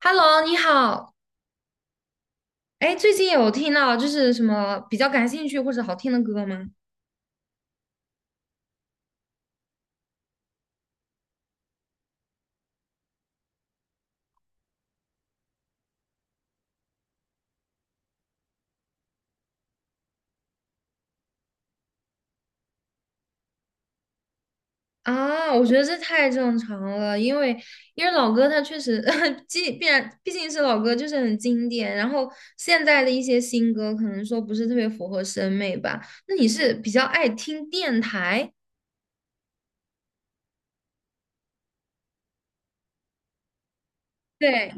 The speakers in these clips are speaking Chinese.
Hello,你好。哎，最近有听到什么比较感兴趣或者好听的歌吗？啊，我觉得这太正常了，因为老歌它确实，既必然毕竟是老歌，就是很经典。然后现在的一些新歌可能说不是特别符合审美吧。那你是比较爱听电台？对，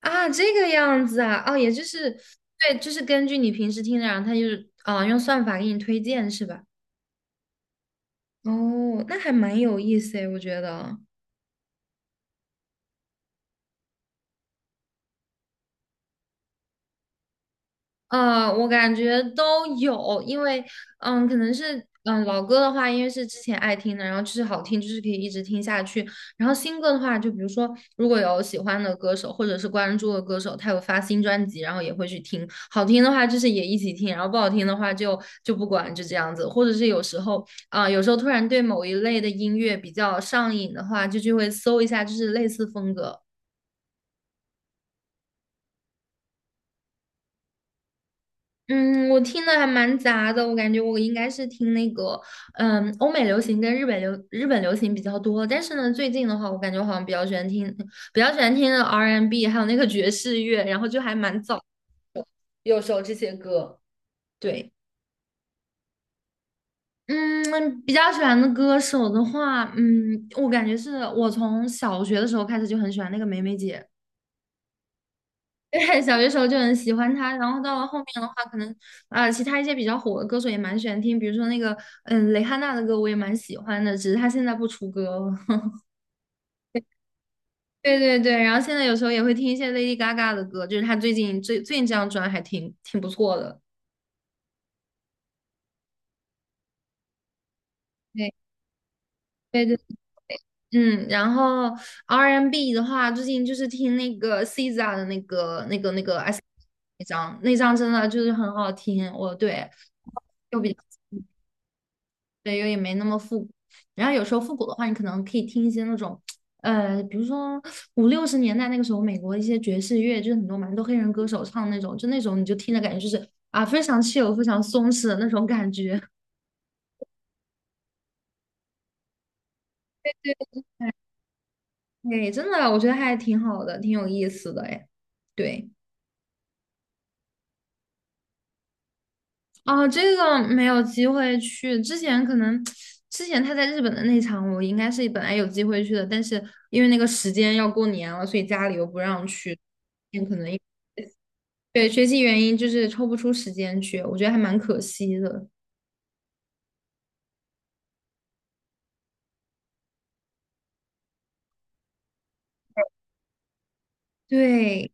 啊，这个样子啊，哦，也就是对，就是根据你平时听的，然后它就是啊，用算法给你推荐是吧？哦，那还蛮有意思诶，我觉得。我感觉都有，因为可能是老歌的话，因为是之前爱听的，然后就是好听，就是可以一直听下去。然后新歌的话，就比如说如果有喜欢的歌手或者是关注的歌手，他有发新专辑，然后也会去听。好听的话就是也一起听，然后不好听的话就不管，就这样子。或者是有时候有时候突然对某一类的音乐比较上瘾的话，就会搜一下，就是类似风格。嗯，我听的还蛮杂的，我感觉我应该是听那个，嗯，欧美流行跟日本流行比较多。但是呢，最近的话，我感觉我好像比较喜欢听的 R&B,还有那个爵士乐，然后就还蛮早，有时候这些歌。对，嗯，比较喜欢的歌手的话，嗯，我感觉是我从小学的时候开始就很喜欢那个梅梅姐。对，小学时候就很喜欢他，然后到了后面的话，可能其他一些比较火的歌手也蛮喜欢听，比如说那个蕾哈娜的歌我也蛮喜欢的，只是她现在不出歌了。对对对，然后现在有时候也会听一些 Lady Gaga 的歌，就是她最近这张专还挺不错的。对对对，嗯，然后 R&B n 的话，最近就是听那个 SZA 的那张，那张真的就是很好听，我对。比对，又也没那么复古。然后有时候复古的话，你可能可以听一些那种，比如说五六十年代那个时候美国一些爵士乐，就是蛮多黑人歌手唱那种，就那种你就听着感觉就是啊，非常 非常松弛的那种感觉。对，真的，我觉得还挺好的，挺有意思的哎。对，哦，这个没有机会去，之前他在日本的那场，我应该是本来有机会去的，但是因为那个时间要过年了，所以家里又不让去，可能。对，学习原因就是抽不出时间去，我觉得还蛮可惜的。对，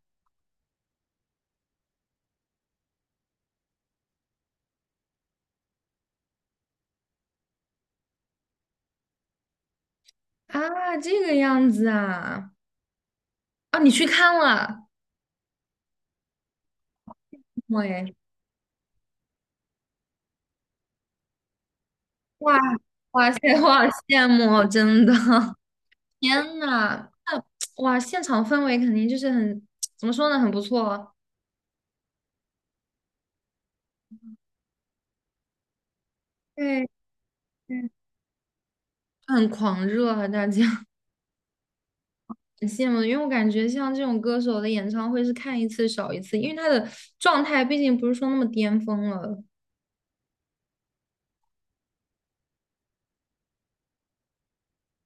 啊，这个样子啊，啊，你去看了？喂，哇， 哇塞，我好羡慕哦真的，天呐，那哇，现场氛围肯定就是很，怎么说呢，很不错，对，对，很狂热啊，大家 很羡慕，因为我感觉像这种歌手的演唱会是看一次少一次，因为他的状态毕竟不是说那么巅峰了。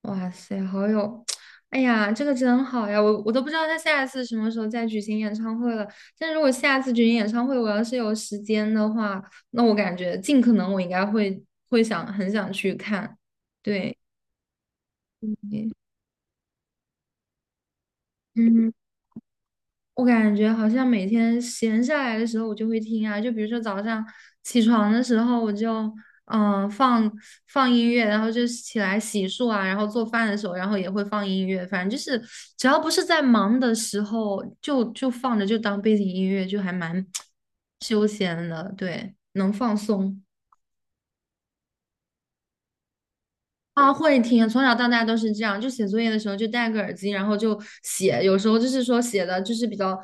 哇塞，好有，哎呀，这个真好呀！我都不知道他下一次什么时候再举行演唱会了。但如果下次举行演唱会，我要是有时间的话，那我感觉尽可能我应该会很想去看。对，嗯。我感觉好像每天闲下来的时候，我就会听啊，就比如说早上起床的时候，我就嗯、呃放放音乐，然后就起来洗漱啊，然后做饭的时候，然后也会放音乐，反正就是只要不是在忙的时候，就放着就当背景音乐，就还蛮 休闲的，对，能放松。啊，会听，从小到大都是这样，就写作业的时候就戴个耳机，然后就写，有时候就是说写的就是比较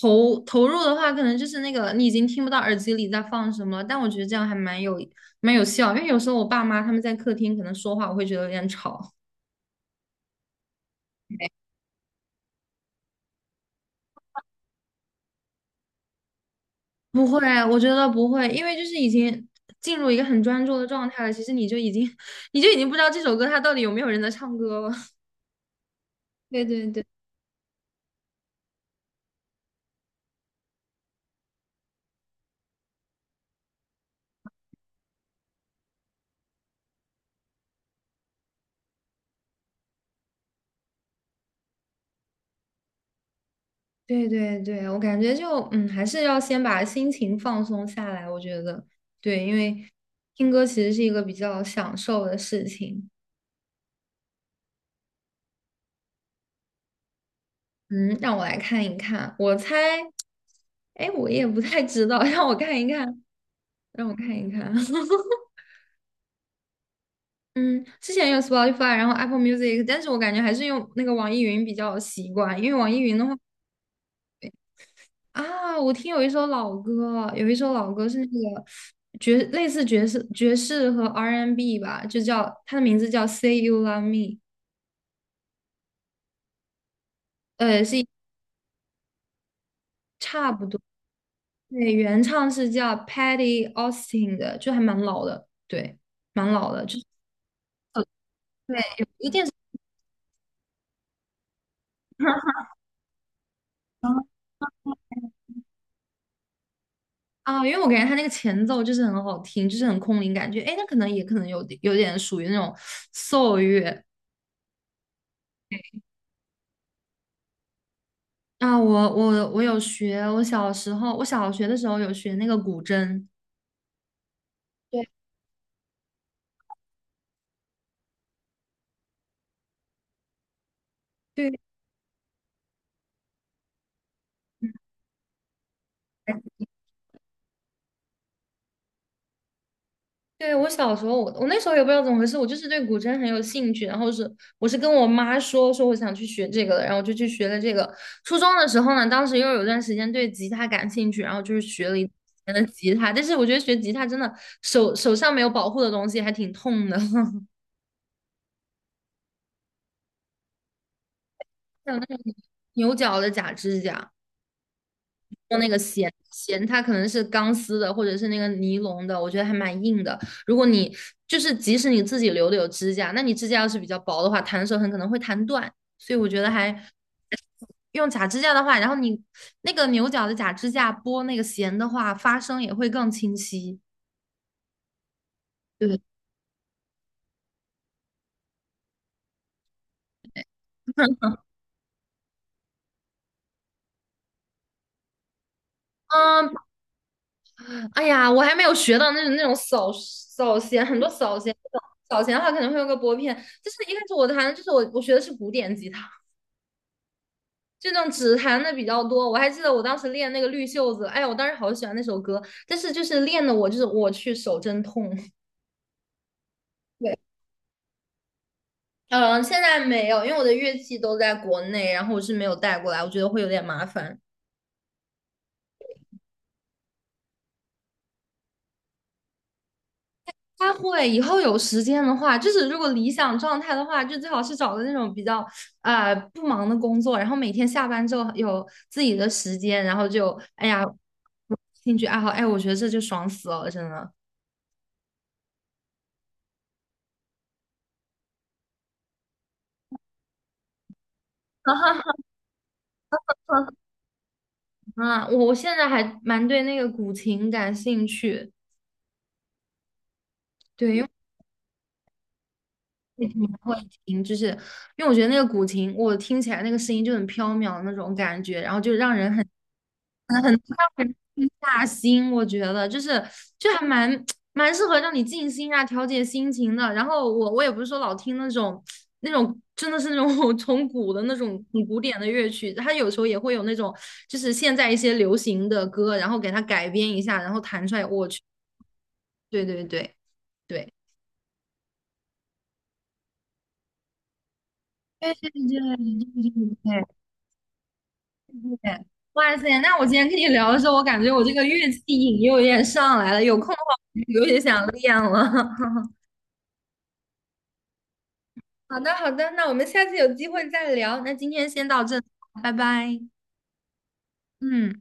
投入的话，可能就是那个你已经听不到耳机里在放什么了，但我觉得这样还蛮有效，因为有时候我爸妈他们在客厅可能说话，我会觉得有点吵。不会，我觉得不会，因为就是已经进入一个很专注的状态了，其实你就已经 你就已经不知道这首歌它到底有没有人在唱歌了。对对对。对对对，我感觉就嗯，还是要先把心情放松下来。我觉得对，因为听歌其实是一个比较享受的事情。嗯，让我来看一看，我猜，哎，我也不太知道，让我看一看，让我看一看。嗯，之前用 Spotify,然后 Apple Music,但是我感觉还是用那个网易云比较习惯，因为网易云的话。啊，我有一首老歌，是那个类似爵士、爵士和 R&B N 吧，就叫它的名字叫《Say You Love Me》,呃，是一差不多。对，原唱是叫 Patty Austin 的，就还蛮老的，对，蛮老的，就是对，有啊，因为我感觉他那个前奏就是很好听，就是很空灵感觉，哎，那可能也可能有点属于那种 s 乐啊。我有学，我小时候小学的时候有学那个古筝。对对。对，我小时候，我那时候也不知道怎么回事，我就是对古筝很有兴趣，然后是我是跟我妈说我想去学这个的，然后我就去学了这个。初中的时候呢，当时又有段时间对吉他感兴趣，然后就是学了一年的吉他，但是我觉得学吉他真的手上没有保护的东西还挺痛的，像那个牛角的假指甲。用那个弦，它可能是钢丝的，或者是那个尼龙的，我觉得还蛮硬的。如果你就是即使你自己留的有指甲，那你指甲要是比较薄的话，弹的时候很可能会弹断。所以我觉得还用假指甲的话，然后你那个牛角的假指甲拨那个弦的话，发声也会更清晰。对，嗯，哎呀，我还没有学到那种弦，很多扫弦，扫弦的话可能会用个拨片。就是一开始我弹，就是我学的是古典吉他，这种指弹的比较多。我还记得我当时练那个绿袖子，哎呀，我当时好喜欢那首歌，但是就是练的我就是我去手真痛。对，嗯，现在没有，因为我的乐器都在国内，然后我是没有带过来，我觉得会有点麻烦。他会以后有时间的话，就是如果理想状态的话，就最好是找个那种比较不忙的工作，然后每天下班之后有自己的时间，然后就哎呀兴趣爱好，哎，我觉得这就爽死了，真的。啊，我现在还蛮对那个古琴感兴趣，对，因为我也挺会听，就是因为我觉得那个古琴，我听起来那个声音就很飘渺的那种感觉，然后就让人很让人打心，我觉得就是就还蛮 蛮适合让你静心啊，调节心情的。然后我也不是说老听那种真的是那种 从古的那种很古典的乐曲，它有时候也会有那种就是现在一些流行的歌，然后给它改编一下，然后弹出来，我去，对对对。对，对对对对对对，哇塞！那我今天跟你聊的时候，我感觉我这个乐器瘾又有点上来了，有空的话我就有点想练了。好的，好的，那我们下次有机会再聊。那今天先到这，拜拜。嗯。